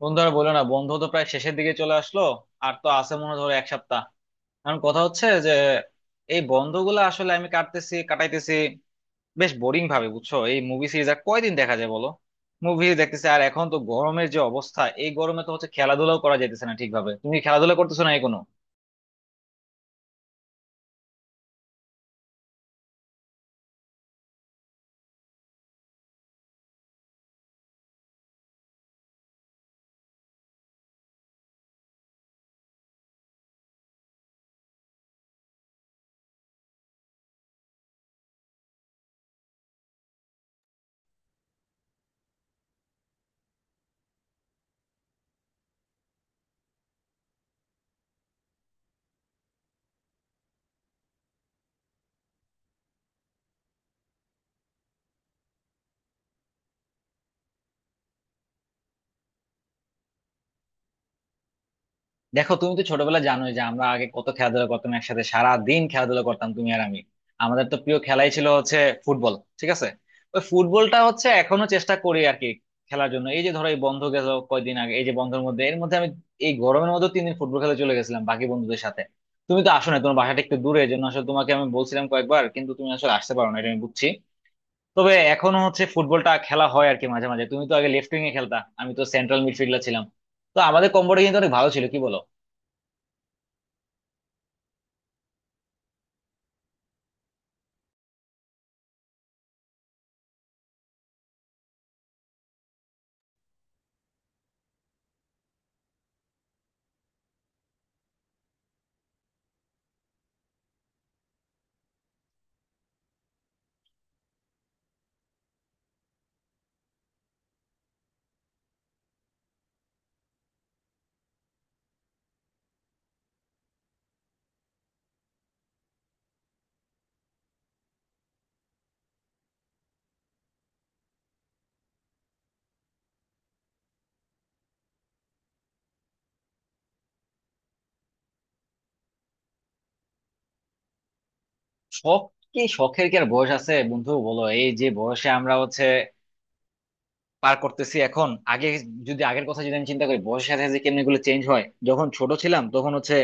বন্ধু, আর বলো না, বন্ধ তো প্রায় শেষের দিকে চলে আসলো। আর তো আছে মনে হয় ধরো এক সপ্তাহ। এখন কথা হচ্ছে যে এই বন্ধগুলো আসলে আমি কাটাইতেছি বেশ বোরিং ভাবে, বুঝছো? এই মুভি সিরিজ আর কয়দিন দেখা যায় বলো। মুভি দেখতেছি, আর এখন তো গরমের যে অবস্থা, এই গরমে তো হচ্ছে খেলাধুলাও করা যাইতেছে না ঠিকভাবে। তুমি কি খেলাধুলা করতেছো না এখনো? দেখো, তুমি তো ছোটবেলা জানোই যে আমরা আগে কত খেলাধুলা করতাম, একসাথে সারা দিন খেলাধুলা করতাম তুমি আর আমি। আমাদের তো প্রিয় খেলাই ছিল হচ্ছে ফুটবল, ঠিক আছে? ওই ফুটবলটা হচ্ছে এখনো চেষ্টা করি আর কি খেলার জন্য। এই যে ধরো এই বন্ধ গেল কয়দিন আগে, এই যে বন্ধের মধ্যে, এর মধ্যে আমি এই গরমের মধ্যে 3 দিন ফুটবল খেলে চলে গেছিলাম বাকি বন্ধুদের সাথে। তুমি তো আসো না, তোমার বাসাটা একটু দূরে, এই জন্য আসলে তোমাকে আমি বলছিলাম কয়েকবার, কিন্তু তুমি আসলে আসতে পারো না, এটা আমি বুঝছি। তবে এখনো হচ্ছে ফুটবলটা খেলা হয় আর কি মাঝে মাঝে। তুমি তো আগে লেফট উইং এ খেলতা, আমি তো সেন্ট্রাল মিডফিল্ডার ছিলাম। তো আমাদের কম্বোটা কিন্তু অনেক ভালো ছিল, কিন্তু কিন্তু অনেক ভালো ছিল, কি বলো? শখ, কি শখের কি আর বয়স আছে বন্ধু বলো? এই যে বয়সে আমরা হচ্ছে পার করতেছি এখন, আগে যদি আগের কথা যদি আমি চিন্তা করি, বয়সের সাথে সাথে কেমনি গুলো চেঞ্জ হয়। যখন ছোট ছিলাম তখন হচ্ছে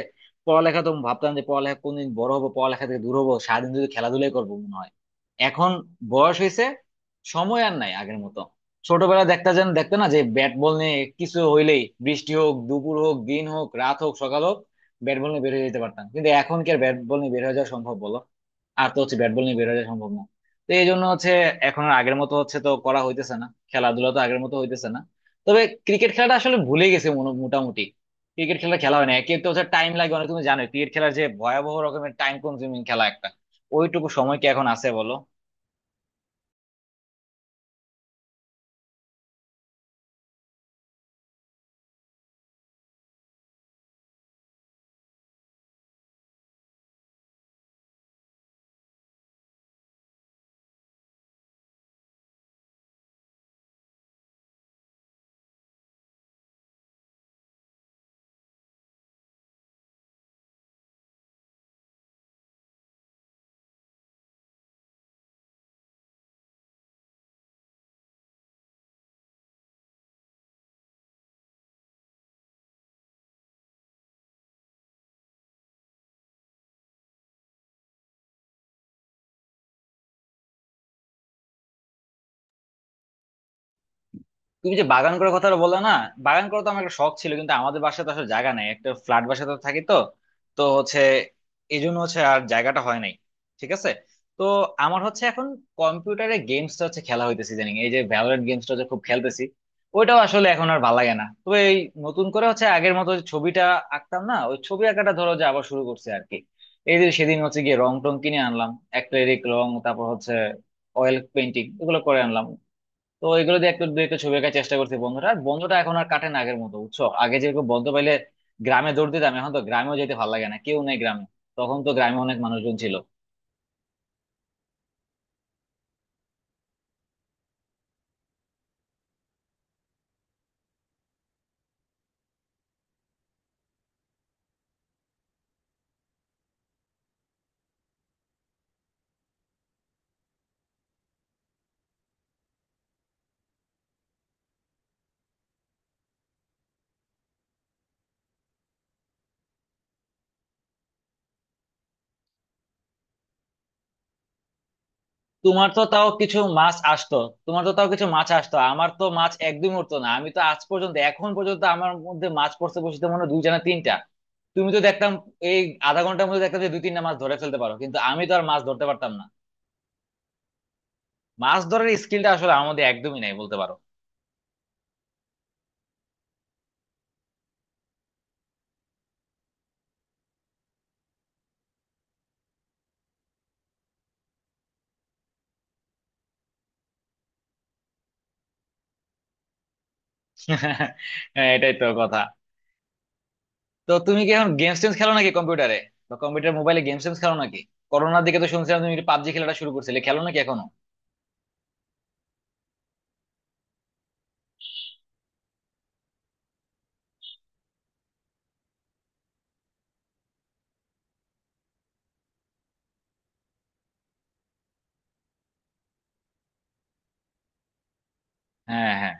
পড়ালেখা তো ভাবতাম যে পড়ালেখা কোনদিন বড় হবো পড়ালেখা থেকে দূর হবো, সারাদিন যদি খেলাধুলাই করবো মনে হয়। এখন বয়স হয়েছে, সময় আর নাই আগের মতো। ছোটবেলা দেখতে যেন দেখতে না, যে ব্যাট বল নিয়ে কিছু হইলেই, বৃষ্টি হোক দুপুর হোক দিন হোক রাত হোক সকাল হোক, ব্যাট বল নিয়ে বের হয়ে যেতে পারতাম, কিন্তু এখন কি আর ব্যাট বল নিয়ে বের হয়ে যাওয়া সম্ভব বলো? আর তো হচ্ছে ব্যাট বল নিয়ে বের হয়ে যাওয়া সম্ভব না। তো এই জন্য হচ্ছে এখন আর আগের মতো হচ্ছে তো করা হইতেছে না, খেলাধুলা তো আগের মতো হইতেছে না। তবে ক্রিকেট খেলাটা আসলে ভুলে গেছে মোটামুটি। ক্রিকেট খেলা খেলা হয় না, একে তো হচ্ছে টাইম লাগে অনেক, তুমি জানো ক্রিকেট খেলার যে ভয়াবহ রকমের টাইম কনজিউমিং খেলা একটা। ওইটুকু সময় কি এখন আছে বলো? তুমি যে বাগান করার কথাটা বললে না, বাগান করা তো আমার একটা শখ ছিল, কিন্তু আমাদের বাসায় তো আসলে জায়গা নাই, একটা ফ্ল্যাট বাসায় তো থাকি তো, তো হচ্ছে এই জন্য হচ্ছে আর জায়গাটা হয় নাই। ঠিক আছে। তো আমার হচ্ছে এখন কম্পিউটারে গেমসটা হচ্ছে খেলা হইতেছে জানি, এই যে ভ্যালোরেন্ট গেমসটা হচ্ছে খুব খেলতেছি। ওইটাও আসলে এখন আর ভালো লাগে না। তবে এই নতুন করে হচ্ছে আগের মতো যে ছবিটা আঁকতাম না, ওই ছবি আঁকাটা ধরো যে আবার শুরু করছে আর কি। এই যে সেদিন হচ্ছে গিয়ে রং টং কিনে আনলাম, অ্যাক্রিলিক রং, তারপর হচ্ছে অয়েল পেন্টিং, এগুলো করে আনলাম। তো এগুলো দিয়ে একটু দুই একটা ছবি আঁকার চেষ্টা করছি। বন্ধুরা, বন্ধটা এখন আর কাটে না আগের মতো, বুঝছো? আগে যেরকম বন্ধ পাইলে গ্রামে দৌড় দিতাম, এখন তো গ্রামেও যেতে ভালো লাগে না, কেউ নেই গ্রামে। তখন তো গ্রামে অনেক মানুষজন ছিল। তোমার তো তাও কিছু মাছ আসতো, তোমার তো তাও কিছু মাছ আসতো। আমার তো মাছ একদমই উঠতো না। আমি তো আজ পর্যন্ত এখন পর্যন্ত আমার মধ্যে মাছ পড়তে বসতে মনে হয় দুই জানা তিনটা। তুমি তো দেখতাম এই আধা ঘন্টার মধ্যে দেখতাম যে দুই তিনটা মাছ ধরে ফেলতে পারো, কিন্তু আমি তো আর মাছ ধরতে পারতাম না। মাছ ধরার স্কিলটা আসলে আমাদের একদমই নাই বলতে পারো। হ্যাঁ, এটাই তো কথা। তো তুমি কি এখন গেমস টেমস খেলো নাকি কম্পিউটারে? বা কম্পিউটার মোবাইলে গেমস টেমস খেলো নাকি? করোনার দিকে তো শুনছিলাম তুমি পাবজি খেলাটা শুরু করছিলে, খেলো নাকি এখনো? হ্যাঁ হ্যাঁ।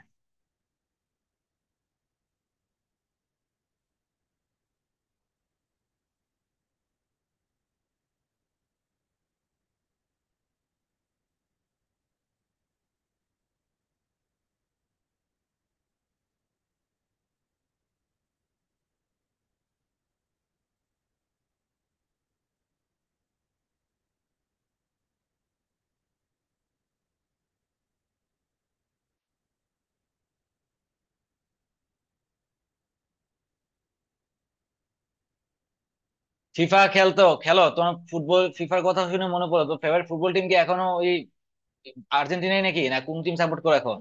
ফিফা খেলতো খেলো, তোমার ফুটবল ফিফার কথা শুনে মনে পড়লো। তো ফেভারিট ফুটবল টিম কি এখনো ওই আর্জেন্টিনাই নাকি, না কোন টিম সাপোর্ট করো এখন?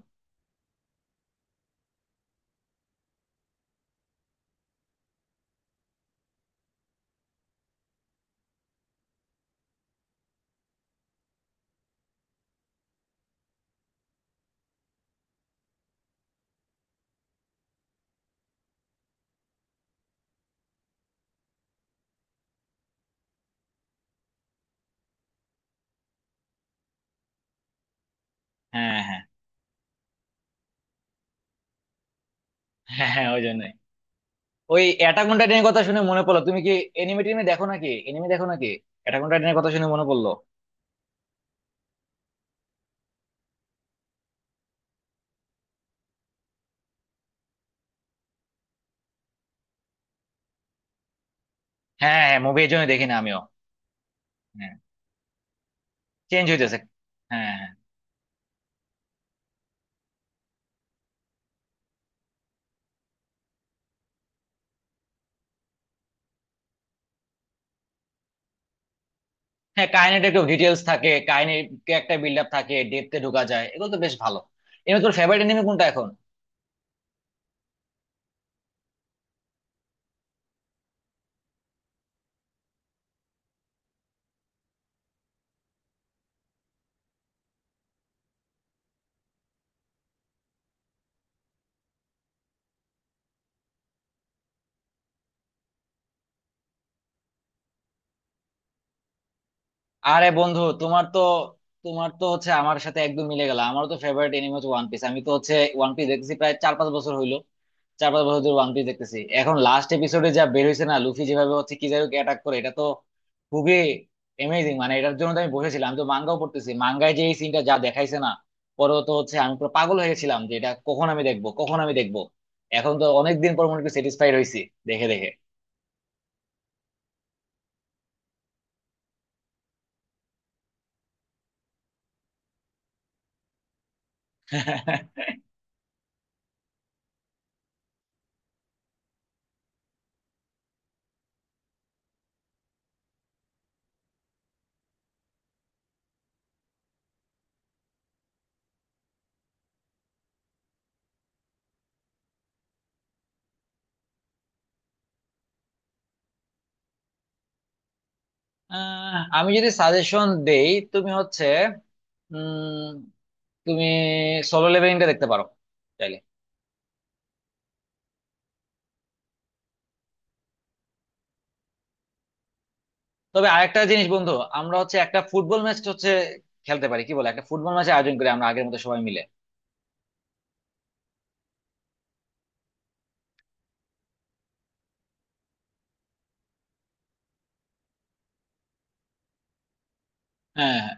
হ্যাঁ হ্যাঁ। হ্যাঁ হ্যাঁ, ওই জন্যই। ওই অ্যাটাক অন টাইটানের কথা শুনে মনে পড়লো, তুমি কি এনিমে টিমে দেখো নাকি, এনিমে দেখো নাকি? অ্যাটাক অন টাইটানের কথা শুনে মনে পড়লো। হ্যাঁ হ্যাঁ, মুভি এই জন্য দেখি না আমিও। হ্যাঁ, চেঞ্জ হইতেছে। হ্যাঁ হ্যাঁ। হ্যাঁ, কাহিনীটা একটু ডিটেলস থাকে, কাহিনীর একটা বিল্ড আপ থাকে, ডেপথে ঢোকা যায়, এগুলো তো বেশ ভালো। এমনি তোর ফেভারিট এনিমে কোনটা এখন? আরে বন্ধু, তোমার তো, তোমার তো হচ্ছে আমার সাথে একদম মিলে গেল, আমারও তো ফেভারিট এনিমে হচ্ছে ওয়ান পিস। আমি তো হচ্ছে ওয়ান পিস দেখতেছি প্রায় 4-5 বছর হইলো, 4-5 বছর ধরে ওয়ান পিস দেখতেছি। এখন লাস্ট এপিসোডে যা বের হয়েছে না, লুফি যেভাবে হচ্ছে কিজারুকে অ্যাটাক করে, এটা তো খুবই অ্যামেজিং। মানে এটার জন্য তো আমি বসেছিলাম, আমি তো মাঙ্গাও পড়তেছি, মাঙ্গায় যে এই সিনটা যা দেখাইছে না, পরে তো হচ্ছে আমি পুরো পাগল হয়ে গেছিলাম যে এটা কখন আমি দেখবো, কখন আমি দেখবো। এখন তো অনেকদিন পর মনে স্যাটিসফাইড হয়েছি দেখে দেখে। আহ, আমি যদি সাজেশন দেই, তুমি হচ্ছে উম তুমি সোলো লেভেলিংটা দেখতে পারো চাইলে। তবে আরেকটা জিনিস বন্ধু, আমরা হচ্ছে একটা ফুটবল ম্যাচ হচ্ছে খেলতে পারি, কি বলে, একটা ফুটবল ম্যাচ আয়োজন করি আমরা আগের মতো সবাই মিলে? হ্যাঁ হ্যাঁ।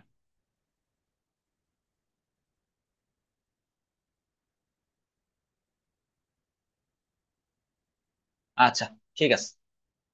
আচ্ছা, ঠিক আছে।